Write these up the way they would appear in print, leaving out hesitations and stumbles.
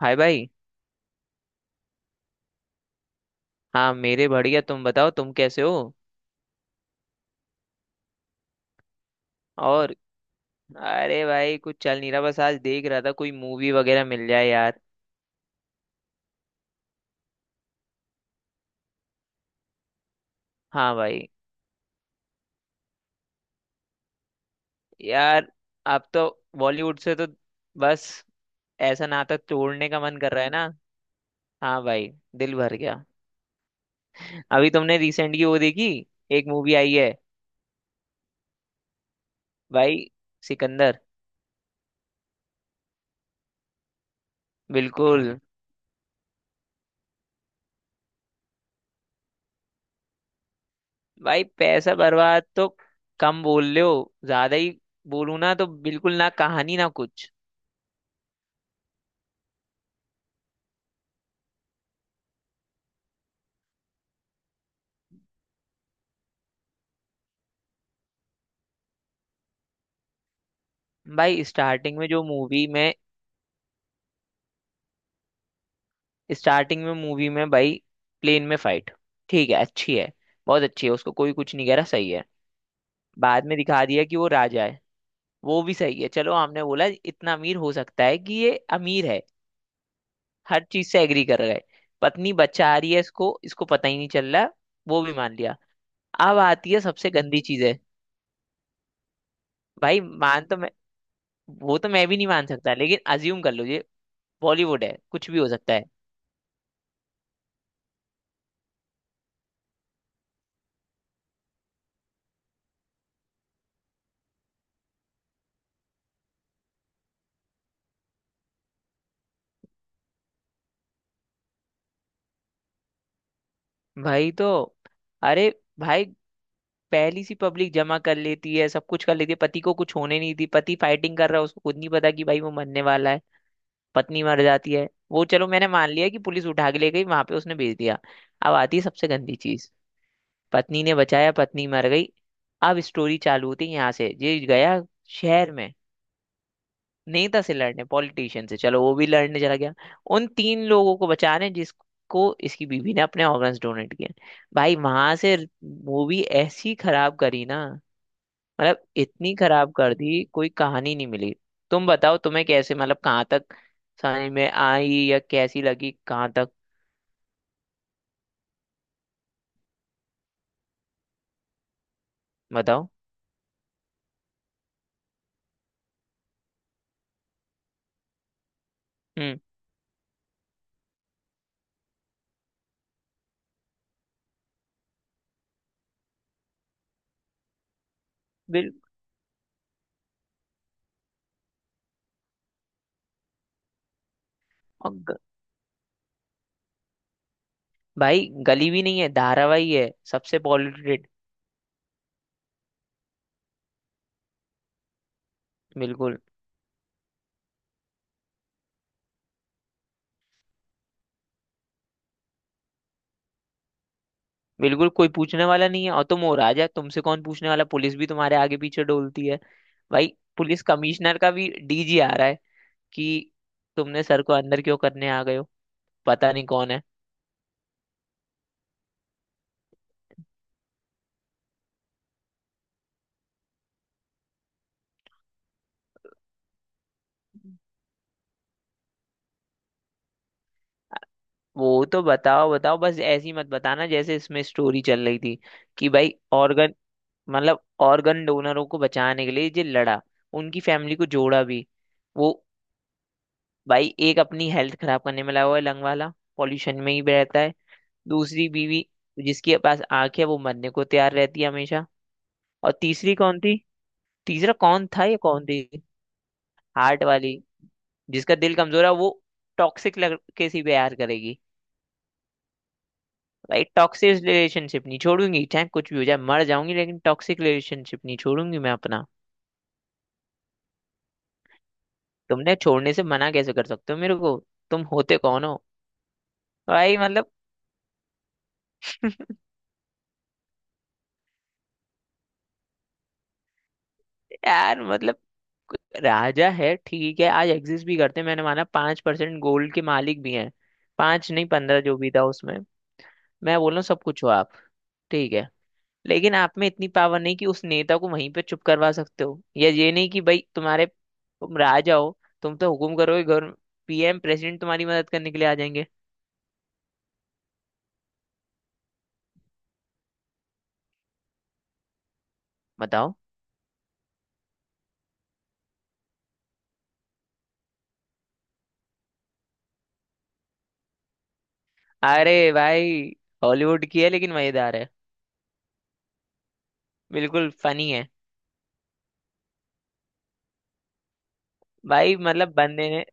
हाय भाई। हाँ मेरे बढ़िया, तुम बताओ तुम कैसे हो। और अरे भाई कुछ चल नहीं रहा, बस आज देख रहा था कोई मूवी वगैरह मिल जाए यार। हाँ भाई, यार अब तो बॉलीवुड से तो बस ऐसा नाता तोड़ने का मन कर रहा है ना। हाँ भाई, दिल भर गया। अभी तुमने रिसेंटली वो देखी, एक मूवी आई है भाई, सिकंदर। बिल्कुल। भाई पैसा बर्बाद तो कम बोल रहे हो, ज्यादा ही बोलूं ना तो बिल्कुल, ना कहानी ना कुछ। भाई स्टार्टिंग में जो मूवी में, स्टार्टिंग में मूवी में भाई, प्लेन में फाइट, ठीक है अच्छी है, बहुत अच्छी है, उसको कोई कुछ नहीं कह रहा, सही है। बाद में दिखा दिया कि वो राजा है, वो भी सही है, चलो हमने बोला इतना अमीर हो सकता है, कि ये अमीर है, हर चीज से एग्री कर गए। पत्नी बच्चा आ रही है, इसको इसको पता ही नहीं चल रहा, वो भी मान लिया। अब आती है सबसे गंदी चीज है। भाई मान तो मैं, वो तो मैं भी नहीं मान सकता लेकिन अज्यूम कर लो, ये बॉलीवुड है कुछ भी हो सकता है। भाई तो अरे भाई पहली सी पब्लिक जमा कर लेती है, सब कुछ कर लेती है, पति को कुछ होने नहीं दी, पति फाइटिंग कर रहा है, उसको खुद नहीं पता कि भाई वो मरने वाला है। पत्नी मर जाती है, वो चलो मैंने मान लिया कि पुलिस उठा के ले गई, वहां पे उसने भेज दिया। अब आती है सबसे गंदी चीज। पत्नी ने बचाया, पत्नी मर गई। अब स्टोरी चालू होती है यहाँ से, ये गया शहर में नेता से लड़ने, पॉलिटिशियन से, चलो वो भी लड़ने चला गया। उन तीन लोगों को बचाने जिसको इसकी बीवी ने अपने ऑर्गन्स डोनेट किए। भाई वहां से मूवी ऐसी खराब करी ना, मतलब इतनी खराब कर दी, कोई कहानी नहीं मिली। तुम बताओ तुम्हें कैसे, मतलब कहाँ तक समझ में आई या कैसी लगी, कहाँ तक? बताओ। हम्म। बिल और ग, भाई गली भी नहीं है, धारावाही है सबसे पॉल्यूटेड। बिल्कुल, बिल्कुल कोई पूछने वाला नहीं है, और तुम हो राजा, तुमसे कौन पूछने वाला, पुलिस भी तुम्हारे आगे पीछे डोलती है। भाई पुलिस कमिश्नर का भी डीजी आ रहा है कि तुमने सर को अंदर क्यों करने आ गए हो, पता नहीं कौन है। वो तो बताओ, बताओ, बस ऐसी मत बताना जैसे इसमें स्टोरी चल रही थी कि भाई ऑर्गन, मतलब ऑर्गन डोनरों को बचाने के लिए जो लड़ा, उनकी फैमिली को जोड़ा भी वो। भाई एक अपनी हेल्थ खराब करने में लगा हुआ है, लंग वाला पॉल्यूशन में ही रहता है। दूसरी बीवी जिसके पास आंख है वो मरने को तैयार रहती है हमेशा। और तीसरी कौन थी? तीसरा कौन था या कौन थी? हार्ट वाली, जिसका दिल कमजोर है, वो टॉक्सिक लड़के से प्यार करेगी। भाई टॉक्सिक रिलेशनशिप नहीं छोड़ूंगी, चाहे कुछ भी हो जाए, मर जाऊंगी लेकिन टॉक्सिक रिलेशनशिप नहीं छोड़ूंगी मैं अपना। तुमने छोड़ने से मना कैसे कर सकते हो मेरे को, तुम होते कौन हो? भाई मतलब। यार मतलब राजा है ठीक है, आज एग्जिस्ट भी करते हैं, मैंने माना 5% गोल्ड के मालिक भी हैं, पांच नहीं 15 जो भी था उसमें। मैं बोल रहा हूँ सब कुछ हो आप, ठीक है, लेकिन आप में इतनी पावर नहीं कि उस नेता को वहीं पे चुप करवा सकते हो, या ये नहीं कि भाई तुम राजा हो, तुम तो हुकुम करोगे गवर्न, पीएम प्रेसिडेंट तुम्हारी मदद करने के लिए आ जाएंगे। बताओ। अरे भाई हॉलीवुड की है लेकिन मजेदार है, बिल्कुल फनी है। भाई मतलब बंदे ने,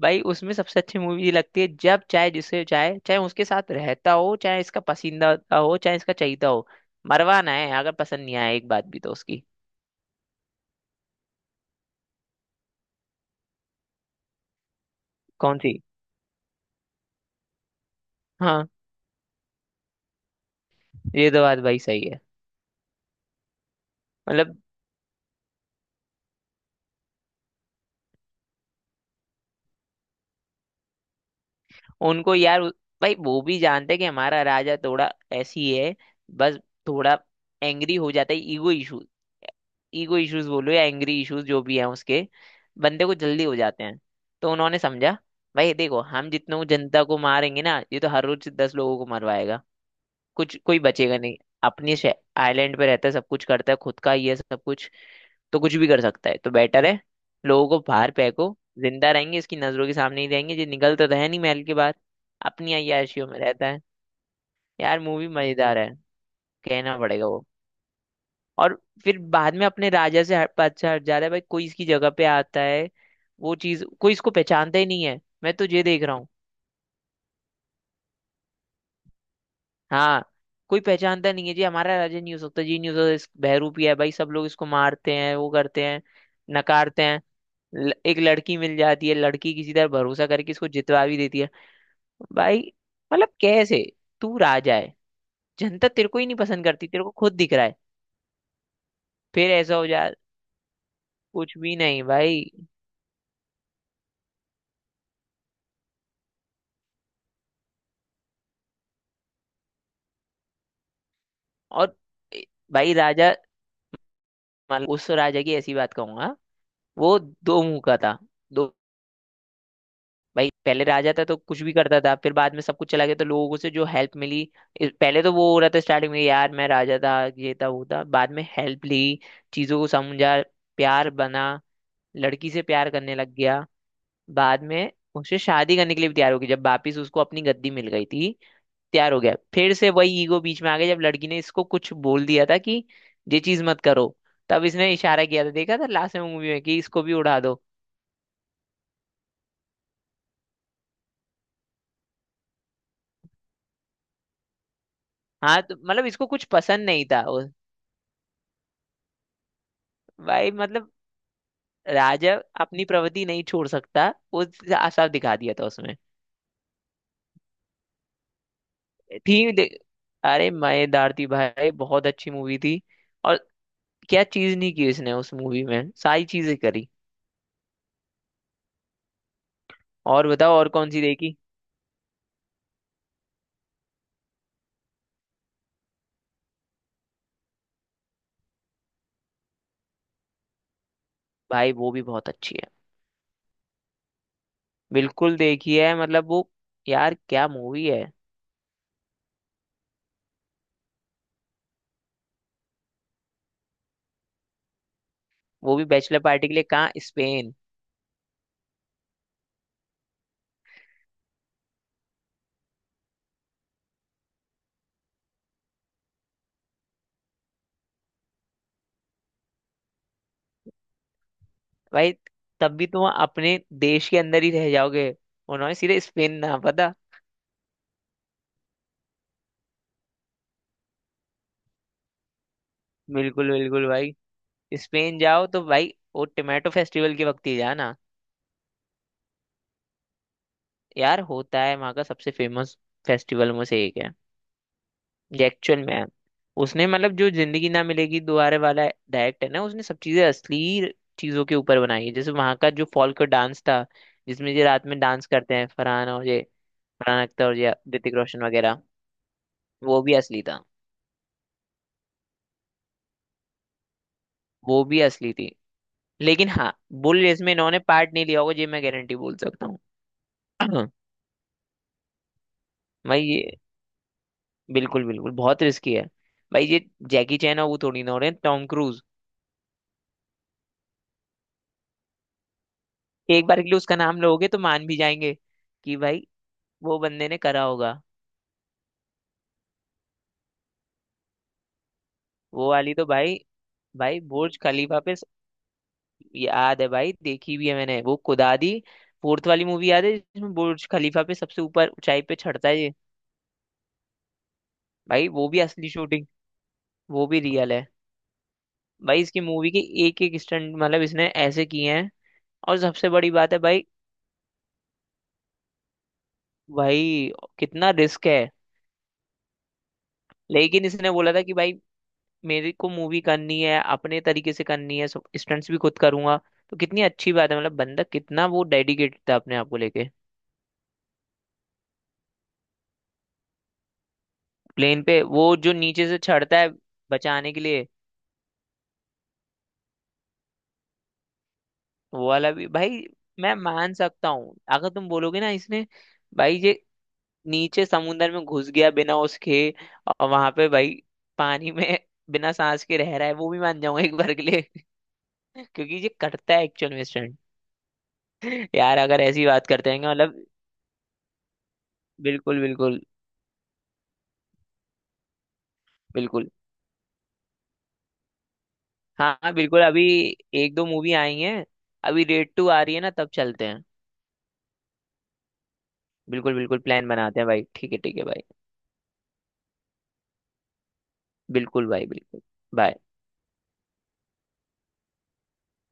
भाई उसमें सबसे अच्छी मूवी लगती है, जब चाहे जिसे चाहे, चाहे उसके साथ रहता हो, चाहे इसका पसंदीदा हो, चाहे इसका चहेता हो, मरवाना है अगर पसंद नहीं आया एक बात भी तो उसकी। कौन सी? हाँ ये तो बात भाई सही है। मतलब उनको यार उ- भाई वो भी जानते हैं कि हमारा राजा थोड़ा ऐसी है, बस थोड़ा एंग्री हो जाता है, ईगो इशू, ईगो इश्यूज बोलो या एंग्री इश्यूज, जो भी है उसके बंदे को जल्दी हो जाते हैं। तो उन्होंने समझा भाई देखो हम जितनों जनता को मारेंगे ना, ये तो हर रोज 10 लोगों को मरवाएगा, कुछ कोई बचेगा नहीं। अपनी आइलैंड पे रहता है, सब कुछ करता है, खुद का ही है सब कुछ, तो कुछ भी कर सकता है, तो बेटर है लोगों को बाहर फेंको, जिंदा रहेंगे इसकी नजरों के सामने ही रहेंगे, ये निकलता तो है नहीं महल के बाहर, अपनी अय्याशियों में रहता है। यार मूवी मजेदार है, कहना पड़ेगा वो। और फिर बाद में अपने राजा से हट जा रहा है भाई, कोई इसकी जगह पे आता है वो चीज, कोई इसको पहचानता ही नहीं है, मैं तो ये देख रहा हूँ। हाँ कोई पहचानता नहीं है, जी हमारा राजा नहीं हो सकता, जी नहीं हो सकता, इस बहरूपी है भाई, सब लोग इसको मारते हैं वो करते हैं, नकारते हैं। एक लड़की मिल जाती है, लड़की किसी तरह भरोसा करके इसको जितवा भी देती है। भाई मतलब कैसे, तू राजा है, जनता तेरे को ही नहीं पसंद करती, तेरे को खुद दिख रहा है, फिर ऐसा हो जा, कुछ भी नहीं भाई। और ए- भाई राजा, मतलब उस राजा की ऐसी बात कहूंगा, वो दो मुंह का था, दो। भाई पहले राजा था तो कुछ भी करता था, फिर बाद में सब कुछ चला गया तो लोगों से जो हेल्प मिली, पहले तो वो हो रहा था स्टार्टिंग में, यार मैं राजा था, ये था वो था, बाद में हेल्प ली, चीजों को समझा, प्यार बना, लड़की से प्यार करने लग गया, बाद में उससे शादी करने के लिए भी तैयार हो गई जब वापिस उसको अपनी गद्दी मिल गई थी, तैयार हो गया फिर से वही ईगो बीच में आ गया, जब लड़की ने इसको कुछ बोल दिया था कि ये चीज मत करो, तब इसने इशारा किया था, देखा था लास्ट में मूवी में, कि इसको भी उड़ा दो। हाँ तो मतलब इसको कुछ पसंद नहीं था भाई मतलब राजा अपनी प्रवृत्ति नहीं छोड़ सकता, वो साफ दिखा दिया था उसमें। थी दे- अरे मजेदार थी भाई, बहुत अच्छी मूवी थी। और क्या चीज नहीं की इसने उस मूवी में, सारी चीजें करी। और बताओ, और कौन सी देखी? भाई वो भी बहुत अच्छी है, बिल्कुल देखी है, मतलब वो, यार क्या मूवी है। वो भी बैचलर पार्टी के लिए कहाँ, स्पेन। भाई तब भी तुम अपने देश के अंदर ही रह जाओगे, उन्होंने सीधे स्पेन ना पता। बिल्कुल बिल्कुल भाई, स्पेन जाओ तो भाई वो टोमेटो फेस्टिवल के वक्त ही जाना। यार होता है वहाँ का सबसे फेमस फेस्टिवल में से एक है, ये एक्चुअल में है। उसने मतलब जो जिंदगी ना मिलेगी दोबारा वाला डायरेक्ट है ना, उसने सब चीजें असली चीजों के ऊपर बनाई है, जैसे वहाँ का जो फॉल्क डांस था जिसमें ये रात में डांस करते हैं फरहान और ये, फरहान अख्तर और ये ऋतिक रोशन वगैरह, वो भी असली था। वो भी असली थी लेकिन हाँ, बुल रेस में इन्होंने पार्ट नहीं लिया होगा, ये मैं गारंटी बोल सकता हूँ। भाई ये बिल्कुल बिल्कुल, बहुत रिस्की है। भाई ये जैकी चैन और वो थोड़ी ना हो रहे हैं, टॉम क्रूज एक बार के लिए उसका नाम लोगे तो मान भी जाएंगे कि भाई वो बंदे ने करा होगा। वो वाली तो भाई, बुर्ज खलीफा पे याद है भाई, देखी भी है मैंने वो कुदादी, फोर्थ वाली मूवी, याद है जिसमें बुर्ज खलीफा पे सबसे ऊपर ऊंचाई पे चढ़ता है ये। भाई वो भी असली शूटिंग, वो भी रियल है। भाई इसकी मूवी के एक एक स्टंट, मतलब इसने ऐसे किए हैं, और सबसे बड़ी बात है भाई, भाई कितना रिस्क है। लेकिन इसने बोला था कि भाई मेरे को मूवी करनी है अपने तरीके से करनी है, सब स्टंट्स भी खुद करूंगा। तो कितनी अच्छी बात है, मतलब बंदा कितना वो डेडिकेटेड था अपने आप को लेके। प्लेन पे वो जो नीचे से चढ़ता है बचाने के लिए, वो वाला भी भाई मैं मान सकता हूँ अगर तुम बोलोगे ना इसने। भाई ये नीचे समुंदर में घुस गया बिना उसके, और वहां पे भाई पानी में बिना सांस के रह रहा है, वो भी मान जाऊंगा एक बार के लिए। क्योंकि ये करता है एक्चुअल में स्टंट। यार अगर ऐसी बात करते हैं मतलब, बिल्कुल बिल्कुल बिल्कुल। हाँ हाँ, बिल्कुल, अभी एक दो मूवी आई हैं, अभी रेड 2 आ रही है ना तब चलते हैं। बिल्कुल बिल्कुल, प्लान बनाते हैं भाई, ठीक है, ठीक है भाई। बिल्कुल भाई बिल्कुल। बाय।